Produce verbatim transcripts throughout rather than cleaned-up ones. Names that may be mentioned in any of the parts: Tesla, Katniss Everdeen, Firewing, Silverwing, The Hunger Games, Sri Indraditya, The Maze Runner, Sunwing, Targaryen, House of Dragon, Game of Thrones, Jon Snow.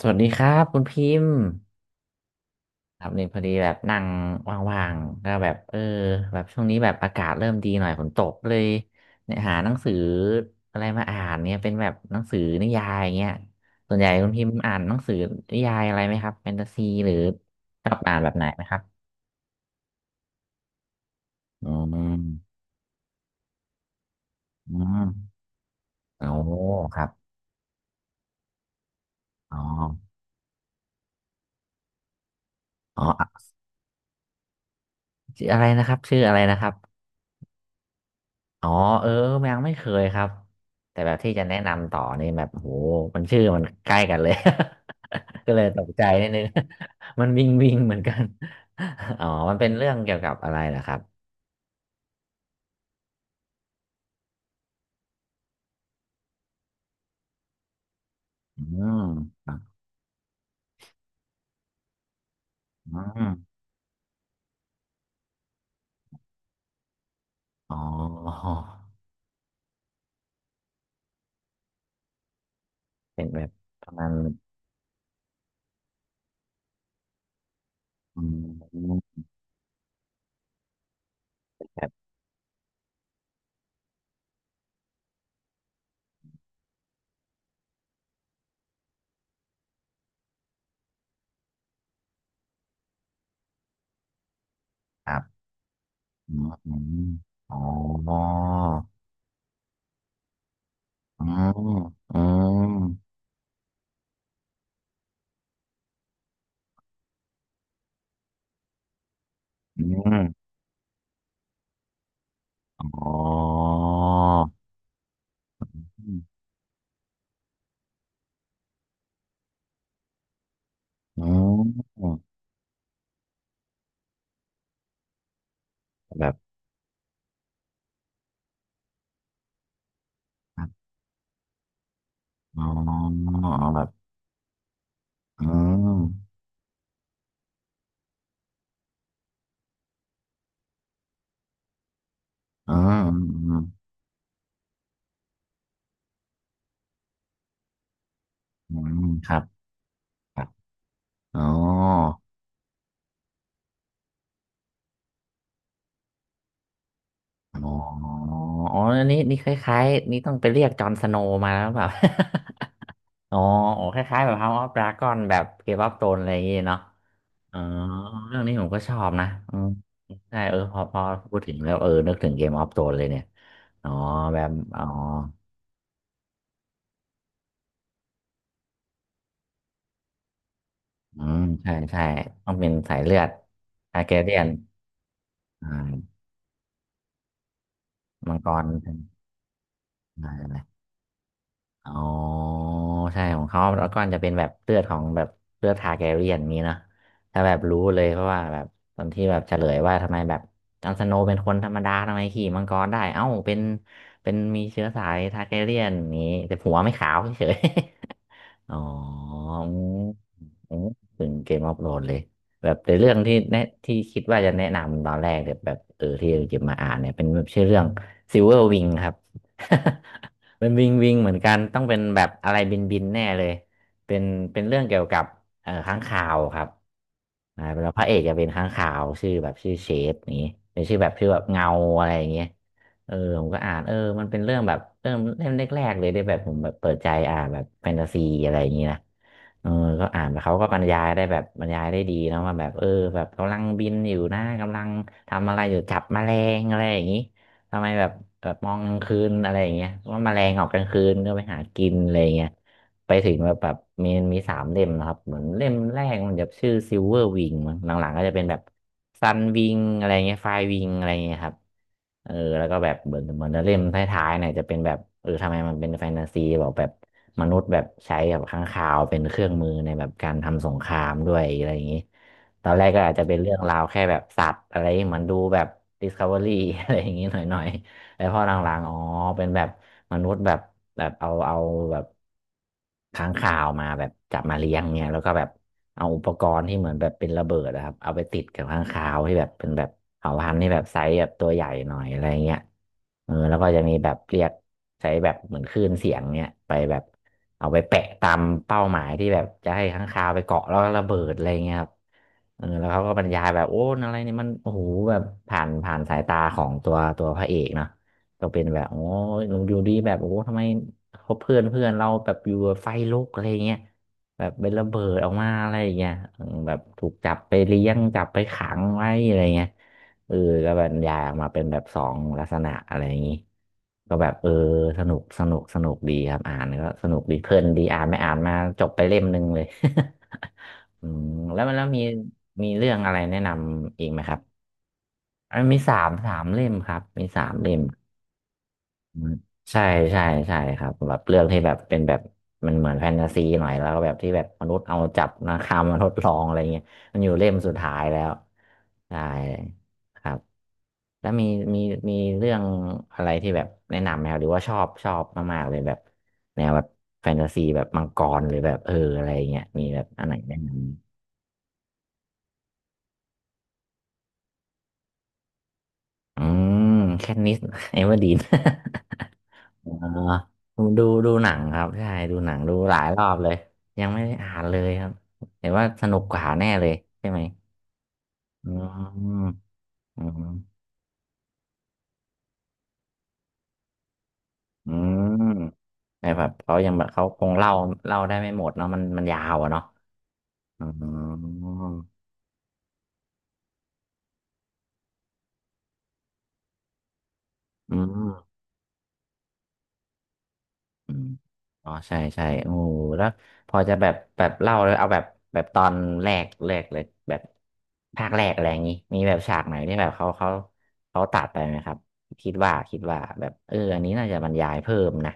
สวัสดีครับคุณพิมพ์ครับเนี่ยพอดีแบบนั่งว่างๆก็แบบเออแบบช่วงนี้แบบอากาศเริ่มดีหน่อยฝนตกเลยเนี่ยหาหนังสืออะไรมาอ่านเนี่ยเป็นแบบหนังสือนิยายเงี้ยส่วนใหญ่คุณพิมพ์อ่านหนังสือนิยายอะไรไหมครับแฟนตาซีหรือชอบอ่านแบบไหนไหมครับอืมอืมโอ้ครับอ๋ออ๋อชื่ออะไรนะครับชื่ออะไรนะครับ อ๋อเออยังไม่เคยครับแต่แบบที่จะแนะนำต่อนี่แบบโหมันชื่อมันใกล้กันเลย ก็เลยตกใจนิดนึง มันวิงวิงเหมือนกัน อ๋อมันเป็นเรื่องเกี่ยวกับอะไรเหรอครับอืมอมอ๋อเป็นแบบประมาณอืมแบบครับอืมอมอ๋ออืมอืมอืมอ๋ออืมแบบ อ๋อเอาแบบอืมอืมอืมอืมครับครับอ๋ออ๋ออ๋ออันนี้นี่คล้ายๆนี่ต้องไปเรียกจอห์นสโนว์มาแล้วแบบ อ๋อโอ๋คล้ายๆแบบ House of Dragon แบบเกมออฟโธรนอะไรอย่างงี้เนาะอ๋อเรื่องนี้ผมก็ชอบนะอืมใช่เออพอพอพูดถึงแล้วเออนึกถึงเกมออฟโธรนเลยเนี่ยอ๋อแบบอ๋ออืมใช่ใช่ต้องเป็นสายเลือดอาร์แกเรียนอ่ามังกรใช่ไหม อ๋อใช่ของเขาแล้วกอนจะเป็นแบบเลือดของแบบเลือดทาร์แกเรียนนี้เนอะถ้าแบบรู้เลยเพราะว่าแบบตอนที่แบบเฉลยว่าทำไมแบบจอห์นสโนว์เป็นคนธรรมดาทำไมขี่มังกรได้เอ้าเป็นเป็นมีเชื้อสายทาร์แกเรียนนี้แต่หัวไม่ขาวเฉย อ๋ออืมอืมถึงเกมออฟโหลดเลยแบบในเรื่องที่แนะที่คิดว่าจะแนะนำตอนแรกเนี่ยแบบเออที่จะมาอ่านเนี่ยเป็นชื่อเรื่องซิลเวอร์วิงครับ เป็นวิงวิงเหมือนกันต้องเป็นแบบอะไรบินบินแน่เลยเป็นเป็นเรื่องเกี่ยวกับเอ่อค้างคาวครับอ่าแล้วพระเอกจะเป็นค้างคาวชื่อแบบชื่อเชดนี้เป็นชื่อแบบชื่อแบบเงาอะไรอย่างเงี้ย เออผมก็อ่านเออมันเป็นเรื่องแบบเริ่มเล่มแรกๆเลยได้แบบผมแบบเปิดใจอ่านแบบแฟนตาซีอะไรอย่างนี้นะเออก็อ่านไปเขาก็บรรยายได้แบบบรรยายได้ดีเนอะว่าแบบเออแบบกำลังบินอยู่นะกำลังทำอะไรอยู่จับแมลงอะไรอย่างนี้ทำไมแบบแบบมองกลางคืนอะไรอย่างเงี้ยว่าแมลงออกกลางคืนก็ไปหากินอะไรอย่างเงี้ย ไปถึงแบบแบบมีมีสามเล่มนะครับเหมือนเล่มแรกมันจะชื่อซิลเวอร์วิงมั้งหลังๆก็จะเป็นแบบซันวิงอะไรเงี้ยไฟวิงอะไรเงี้ยครับเออแล้วก็แบบเหมือนเหมือนเล่มท้ายๆเนี่ยจะเป็นแบบเออทำไมมันเป็นแฟนตาซีบอกแบบมนุษย์แบบใช้แบบค้างคาวเป็นเครื่องมือในแบบการทำสงครามด้วยอะไรอย่างนี้ตอนแรกก็อาจจะเป็นเรื่องราวแค่แบบสัตว์อะไรเหมือนดูแบบ Discovery อะไรอย่างนี้หน่อย แล้วพอหลังๆอ๋อเป็นแบบมนุษย์แบบแบบเอาเอาแบบค้างคาวมาแบบจับมาเลี้ยงเนี่ยแล้วก็แบบเอาอุปกรณ์ที่เหมือนแบบเป็นระเบิดนะครับ เอาไปติดกับค้างคาวที่แบบเป็นแบบเผ่าพันธุ์ที่แบบไซส์แบบตัวใหญ่หน่อยอะไรเงี้ยเออแล้วก็จะมีแบบเรียกใช้แบบเหมือนคลื่นเสียงเนี่ยไปแบบเอาไปแปะตามเป้าหมายที่แบบจะให้ค้างคาวไปเกาะแล้วก็ระเบิดอะไรเงี้ยครับเออแล้วเขาก็บรรยายแบบโอ้อะไรเนี่ยมันโอ้โหแบบผ่านผ่านสายตาของตัวตัวพระเอกเนาะ ก็เป็นแบบโอ้ยอยู่ดีแบบโอ้โหทำไมเขาเพื่อนเพื่อนเราแบบอยู่แบบไฟลุกอะไรเงี้ยแบบเป็นระเบิดออกมาอะไรอย่างเงี้ยอืมแบบถูกจับไปเลี้ยงจับไปขังไว้อะไรเงี้ยเออก็บรรยายออกมาเป็นแบบสองลักษณะอะไรอย่างงี้ก็แบบเออสนุกสนุกสนุกดีครับอ่านก็สนุกดีเพลินดีอ่านไม่อ่านมาจบไปเล่มหนึ่งเลย อืมแล้วแล้วมีมีเรื่องอะไรแนะนำอีกไหมครับอันมีสามสามเล่มครับมีสามเล่ม อืมใช่ใช่ใช่ครับแบบเรื่องที่แบบเป็นแบบมันเหมือนแฟนตาซีหน่อยแล้วก็แบบที่แบบมนุษย์เอาจับนาคามาทดลองอะไรเงี้ยมันอยู่เล่มสุดท้ายแล้วใช่ครับแล้วมีมีมีเรื่องอะไรที่แบบแนะนำไหมครับหรือว่าชอบชอบมากๆเลยแบบแนวแบบแฟนตาซีแบบมังกรหรือแบบเอออะไรเงี้ยมีแบบอันไหนแนะนำอืมแคทนิสเอเวอร์ดีน อ่าดูดูหนังครับใช่ดูหนังดูหลายรอบเลยยังไม่ได้อ่านเลยครับแต่ว่าสนุกกว่าแน่เลยใช่ไหมอืมอืมอืมแต่แบบเขายังแบบเขาคงเล่าเล่าได้ไม่หมดเนาะมันมันยาวอะเนาะอืมอืม อืมอ๋อใช่ใช่โอ้โหแล้วพอจะแบบแบบเล่าเลยเอาแบบแบบตอนแรกแรกเลยแบบภาคแรกอะไรอย่างนี้มีแบบฉากไหนที่แบบเขาเขาเขาตัดไปไหมครับคิดว่าคิดว่าแบบเอออันนี้น่าจะบรรยายเพิ่มนะ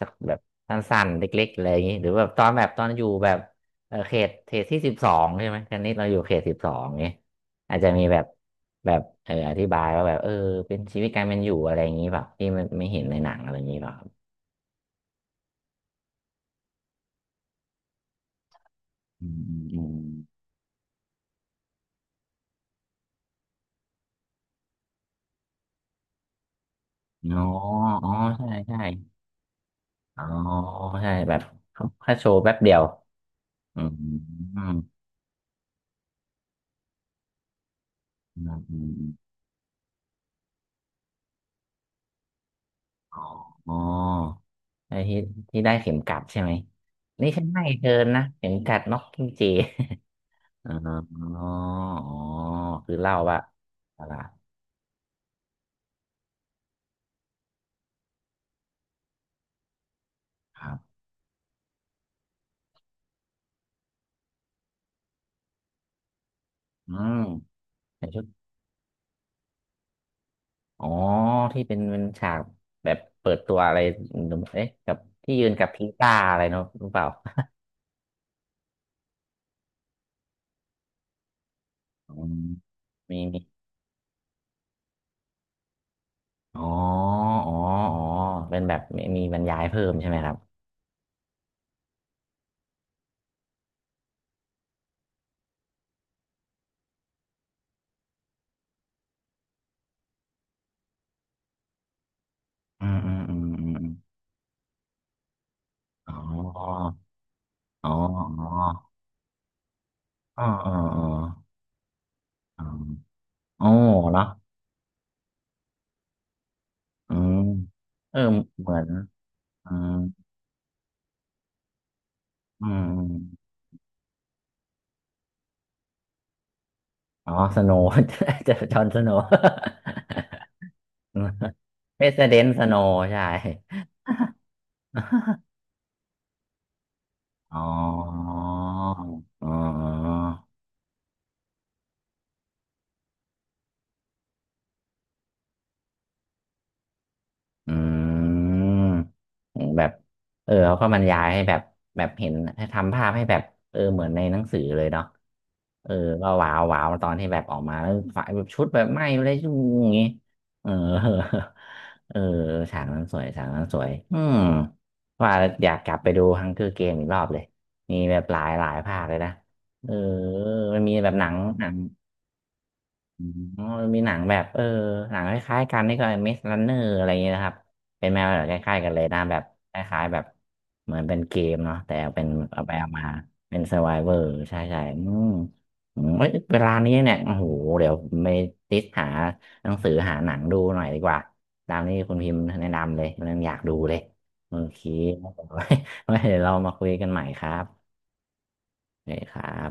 สักแบบสั้นๆเล็กๆอะไรอย่างนี้หรือแบบตอนแบบตอนอยู่แบบเออเขตเขตที่สิบสองใช่ไหมตอนนี้เราอยู่เขตสิบสองเนี้ยอาจจะมีแบบแบบเอออธิบายว่าแบบเออเป็นชีวิตการเป็นอยู่อะไรอย่างนี้แบบที่ไม่ไม่เห็นในหนังอะไรอย่างนี้แบบ อืมอืมอืมอ๋อ อ๋อ ใช่ ใช่อ๋อใช่แบบแค่โชว์แป๊บเดียวอืมอืมอืมอืมอ๋ออ๋อไอ้ที่ที่ได้เข็มกัดใช่ไหม นี่ฉันให้เธอนะ เข็มกัดน็อกกิ้งเจ อ๋อ อ๋อ คือเล่าว่าอะไรครับอืมในชุดอ๋อ ที่เป็นเป็นฉากแบบเปิดตัวอะไรเอ๊ะกับที่ยืนกับพีต้าอะไรเนอะรู้เปล่าอืมมีมี อ๋ออ๋ออ๋อเป็นแบบมีมีบรรยายเพิ่มใช่ไหมครับอืมอืมอืมอืมอมอ๋ออ๋ออ๋ออ๋ออ๋ออ๋ออ๋อเนาะอืมเออเหมือนอืมอืมอมอ๋อสโนว์ จะจอห์นสโนว์ เพสเดนสโนว์ ใช่ อ๋ออ๋อ อืมโหแบบเออเขาก็บรรยายให้แบบแบบเห็นให้ทำภาพให้แบบเออเหมือนในหนังสือเลยเนาะเออก็ว้าวว้าวตอนที่แบบออกมาแล้วฝ่ายแบบชุดแบบไหม้เลยชุ่อย่างงี้เออ เออฉากนั้นสวยฉากนั้นสวยอืมว่าแล้วอยากกลับไปดูฮังเกอร์เกมอีกรอบเลยมีแบบหลายหลายภาคเลยนะเออมันมีแบบหนังหนัง อ๋อมันมีหนังแบบเออหนังคล้ายๆกันนี่ก็มิสลันเนอร์อะไรอย่างเงี้ยนะครับเป็นแมวแบบคล้ายๆกันเลยนะแบบคล้ายๆแบบเหมือนเป็นเกมเนาะแต่เป็นเอาไปเอามาเป็นส u r วเวอร์ใช่ใช่อืมอืมเอ้ยเวลานี้เนี่ยโอ้โหเดี๋ยวไปติสหาหนังสือหาหนังดูหน่อยดีกว่าตามนี้คุณพิมพ์แนะนำเลยเรื่องอยากดูเลยโอเค ไว้ไว้เดี๋ยวเรามาคุยกันใหม่ครับโอเคครับ